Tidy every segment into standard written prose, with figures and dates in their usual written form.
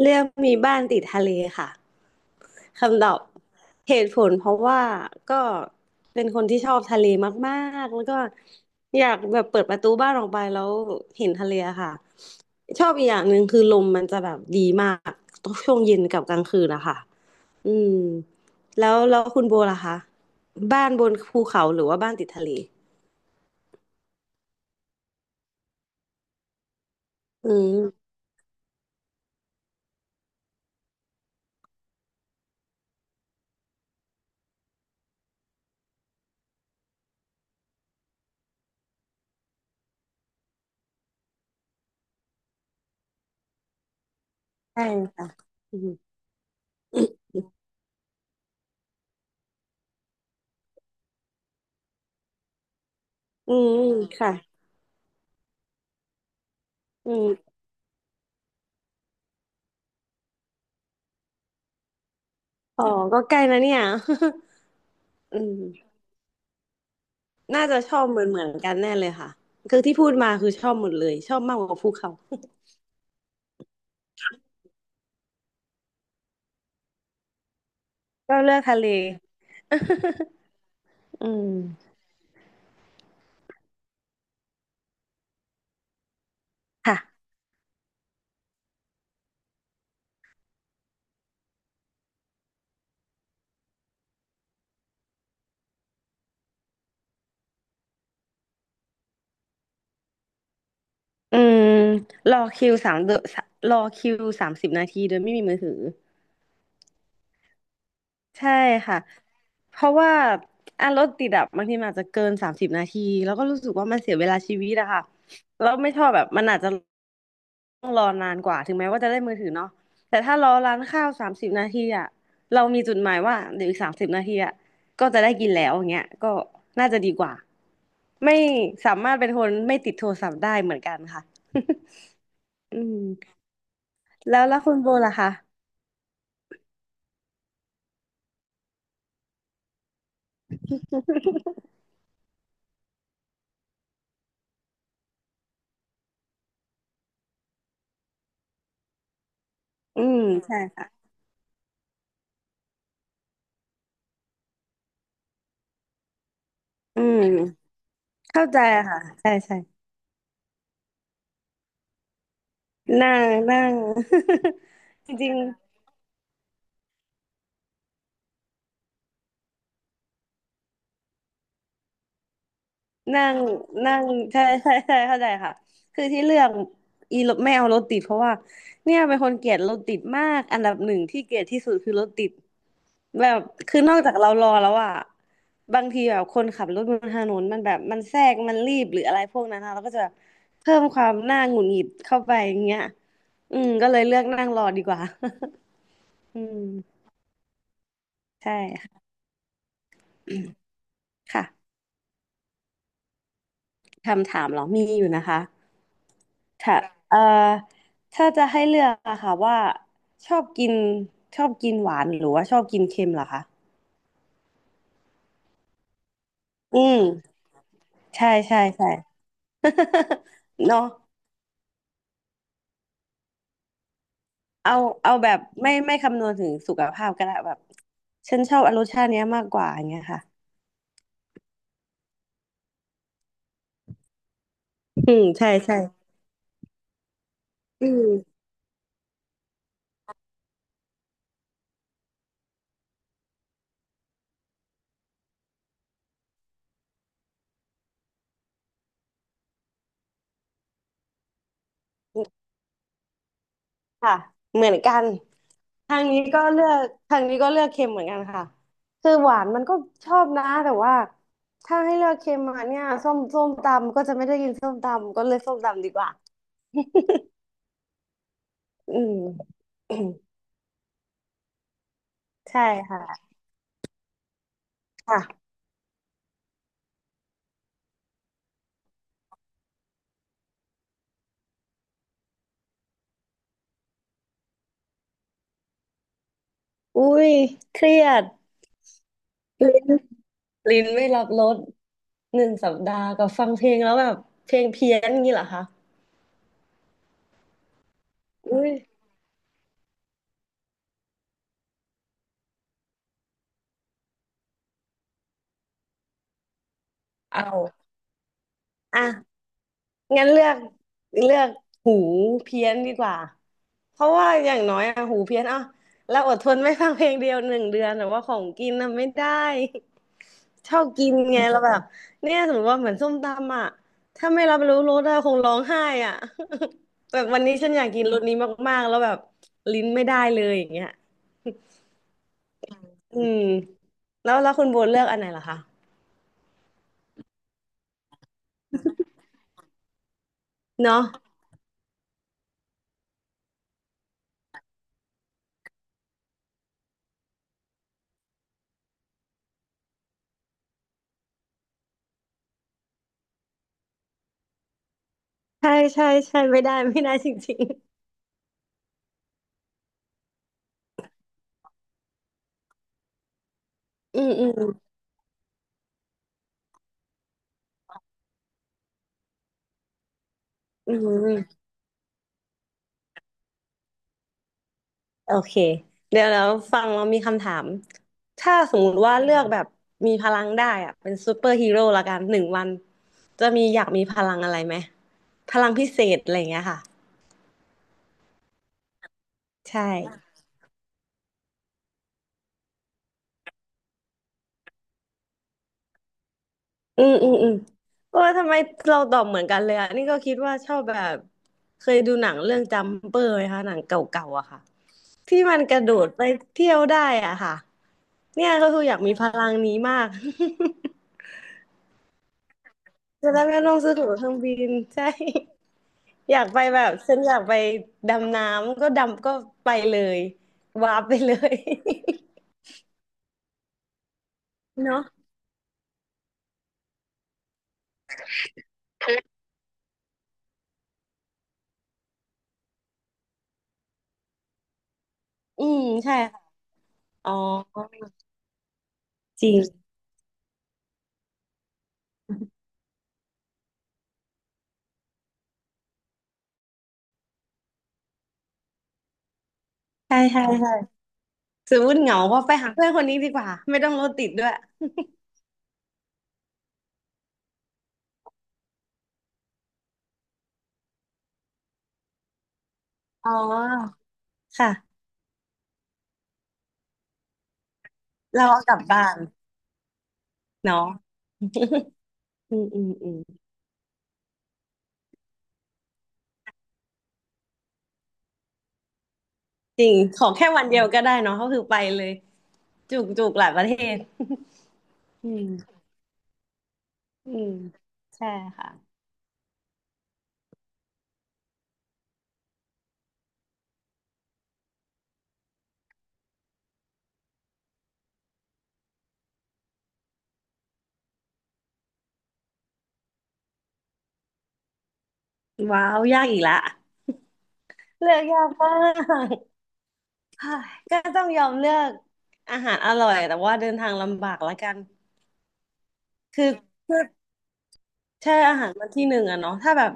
เรื่องมีบ้านติดทะเลค่ะคำตอบเหตุผลเพราะว่าก็เป็นคนที่ชอบทะเลมากๆแล้วก็อยากแบบเปิดประตูบ้านออกไปแล้วเห็นทะเลอะค่ะชอบอีกอย่างหนึ่งคือลมมันจะแบบดีมากช่วงเย็นกับกลางคืนนะคะอืมแล้วคุณโบล่ะคะบ้านบนภูเขาหรือว่าบ้านติดทะเลอืมใช่ค่ะอืมอืมค่ะอืมอ๋อก็ใกล้นะเนี่ย อืม น่าจะชอบเหมือนกันแน่เลยค่ะคือที่พูดมาคือชอบหมดเลยชอบมากกว่าภูเขาก็เลือกทะเล อืมค่ะอืมรอคิวสามเดอนรอคิวสามสิบนาทีโดยไม่มีมือถือใช่ค่ะเพราะว่าอ่ะรถติดอะบางทีมันอาจจะเกินสามสิบนาทีแล้วก็รู้สึกว่ามันเสียเวลาชีวิตอะค่ะแล้วไม่ชอบแบบมันอาจจะ ต้องรอนานกว่าถึงแม้ว่าจะได้มือถือเนาะแต่ถ้ารอร้านข้าวสามสิบนาทีอะเรามีจุดหมายว่าเดี๋ยวอีกสามสิบนาทีอะก็จะได้กินแล้วอย่างเงี้ยก็น่าจะดีกว่าไม่สามารถเป็นคนไม่ติดโทรศัพท์ได้เหมือนกันค่ะ อืมแล้วคุณโบล่ะคะอืมใช่ค่ะอืมเข้าใจค่ะใช่ใช่นั่งนั่ง จริง นั่งนั่งใช่ใช่ใช่เข้าใจค่ะคือที่เลือกอีรถไม่เอารถติดเพราะว่าเนี่ยเป็นคนเกลียดรถติดมากอันดับหนึ่งที่เกลียดที่สุดคือรถติดแบบคือนอกจากเรารอแล้วอะบางทีแบบคนขับรถบนถนนมันแบบมันแทรกมันรีบหรืออะไรพวกนั้นนะเราก็จะแบบเพิ่มความน่าหงุดหงิดเข้าไปอย่างเงี้ยอืมก็เลยเลือกนั่งรอดีกว่า อืมใช่ค่ะคำถามเหรอมีอยู่นะคะ ถ้าเอ่อถ้าจะให้เลือกอะค่ะว่าชอบกินชอบกินหวานหรือว่าชอบกินเค็มเหรอคะอืมใช่ใช่ใช่ เนาะเอาเอาแบบไม่คำนวณถึงสุขภาพก็ได้แบบฉันชอบรสชาติเนี้ยมากกว่าอย่างเงี้ยค่ะ อืมใช่ใช่อืม ค่ะเหมือนกันทางนี้ก็เลือกทางนี้ก็เลือกเค็มเหมือนกันค่ะคือหวานมันก็ชอบนะแต่ว่าถ้าให้เลือกเค็มมาเนี่ยส้มตำก็จะไม่ได้กินส้มตำก็เลยส้มตำดีกว่าอืม ใช่ค่ะค่ะอุ้ยเครียดลิ้นลิ้นไม่รับรส1 สัปดาห์กับฟังเพลงแล้วแบบเพลงเพี้ยนอย่างนี้เหรอคะอุ้ยเอาอ่ะ งั้นเลือกหูเพี้ยนดีกว่าเพราะว่าอย่างน้อยอะหูเพี้ยนอ่ะเราอดทนไม่ฟังเพลงเดียว1 เดือนแต่ว่าของกินน่ะไม่ได้ชอบกินไงเราแบบเนี่ยสมมติว่าเหมือนส้มตำอ่ะถ้าไม่รับรู้รสอะคงร้องไห้อ่ะ แบบวันนี้ฉันอยากกินรสนี้มากๆแล้วแบบลิ้นไม่ได้เลยอย่างเงี้ยอืมแล้วคุณโบเลือกอันไหนล่ะคะเนาะใช่ใช่ใช่ไม่ได้ไม่ได้จริงๆอืมอืมอืม โอเคเดี๋ยวแล้วฟังเรามีคำถามถ้าสมมุติว่าเลือกแบบมีพลังได้อะเป็นซูเปอร์ฮีโร่ละกัน1 วันจะมีอยากมีพลังอะไรไหมพลังพิเศษอะไรอย่างเงี้ยค่ะใช่อืมอืมอืมโอ้ยทำไมเราตอบเหมือนกันเลยอะนี่ก็คิดว่าชอบแบบเคยดูหนังเรื่องจัมเปอร์ไหมคะหนังเก่าๆอะค่ะที่มันกระโดดไปเที่ยวได้อะค่ะเนี่ยก็คืออยากมีพลังนี้มาก จะได้ไม่ต้องซื้อตั๋วเครื่องบินใช่ อยากไปแบบฉันอยากไปดำน้ำก็ดำก็ไปเลยวาร์ปไปเลย เนาะอืมใช่ค่ะอ๋อจริงใช่ใช่ใช่สมมติเหงาก็ไปหาเพื่อนคนนี้ดีกว่าไม่ต้องรถติดด้วยอ๋อค่ะเราเอากลับบ้านเนาะอืมอืมอืมจริงขอแค่วันเดียวก็ได้เนาะก็คือไปเลยจุกจุกหลายประเทศอืมอืมใช่ค่ะว้าวยากอีกละเลือกยากมาก เฮ้ยก็ต้องยอมเลือกอาหารอร่อยแต่ว่าเดินทางลำบากละกันคือคือใช่อาหารมาที่หนึ่งอะเนาะถ้าแบบ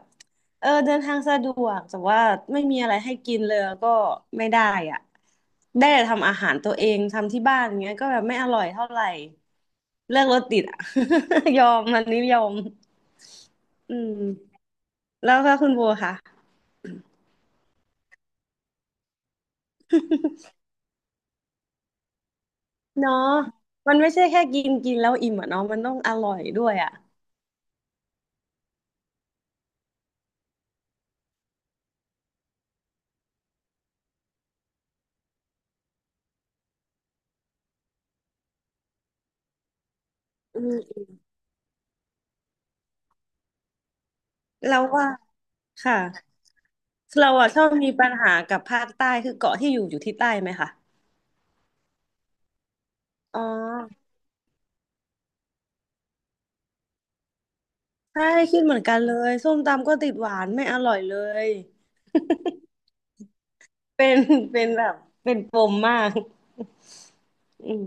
เออเดินทางสะดวกแต่ว่าไม่มีอะไรให้กินเลยก็ไม่ได้อ่ะได้แต่ทำอาหารตัวเองทำที่บ้านอย่างเงี้ยก็แบบไม่อร่อยเท่าไหร่เลิกรถติดอะ ยอมมันนี้ยอมอืมแล้วก็คุณโบค่ะเนาะมันไม่ใช่แค่กินกินแล้วอิ่มอะเนาะมันต้องอร่อยด้วยอะอืมเราว่าค่ะ เราอะชอบมีปัญหากับภาคใต้คือเกาะที่อยู่ที่ใต้ไหมคะอ๋อใช่คิดเหมือนกันเลยส้มตำก็ติดหวานไม่อร่อยเลยเป็น เป็นแบบเป็นปมมากอืม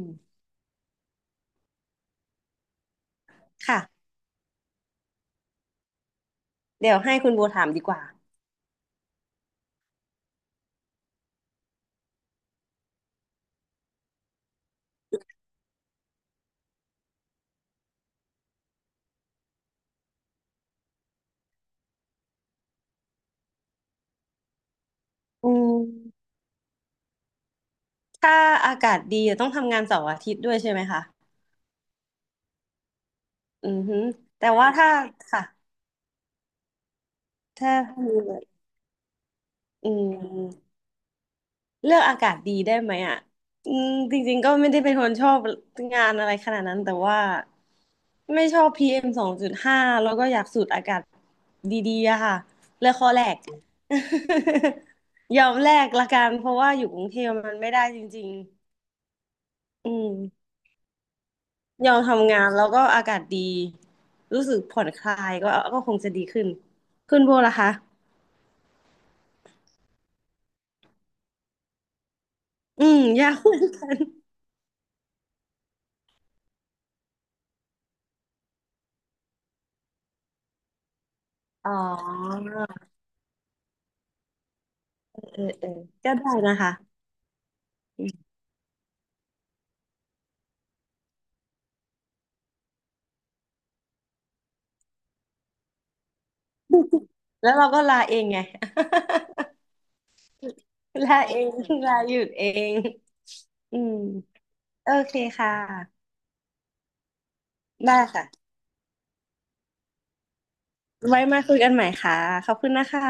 ค่ะเดี๋ยวให้คุณโบถามดีกว่าอืมถ้าอากาศดีอะต้องทำงานเสาร์อาทิตย์ด้วยใช่ไหมคะอือฮึแต่ว่าถ้าค่ะถ้ามีอืม เลือกอากาศดีได้ไหมอ่ะอืมจริงๆก็ไม่ได้เป็นคนชอบงานอะไรขนาดนั้นแต่ว่าไม่ชอบPM2.5แล้วก็อยากสูดอากาศดีๆอะค่ะเลือกข้วคอแรก ยอมแลกละกันเพราะว่าอยู่กรุงเทพมันไม่ได้จริงๆอืมยอมทำงานแล้วก็อากาศดีรู้สึกผ่อนคลายก็คงจะดีขึ้นโบล่ะคะอืมยากอ๋อเออเออก็ได้นะคะ แล้วเราก็ลาเองไง ลาเองลาหยุดเองอืมโอเคค่ะ ได้ค่ะ ไว้มาคุยกันใหม่ค่ะ ขอบคุณนะคะ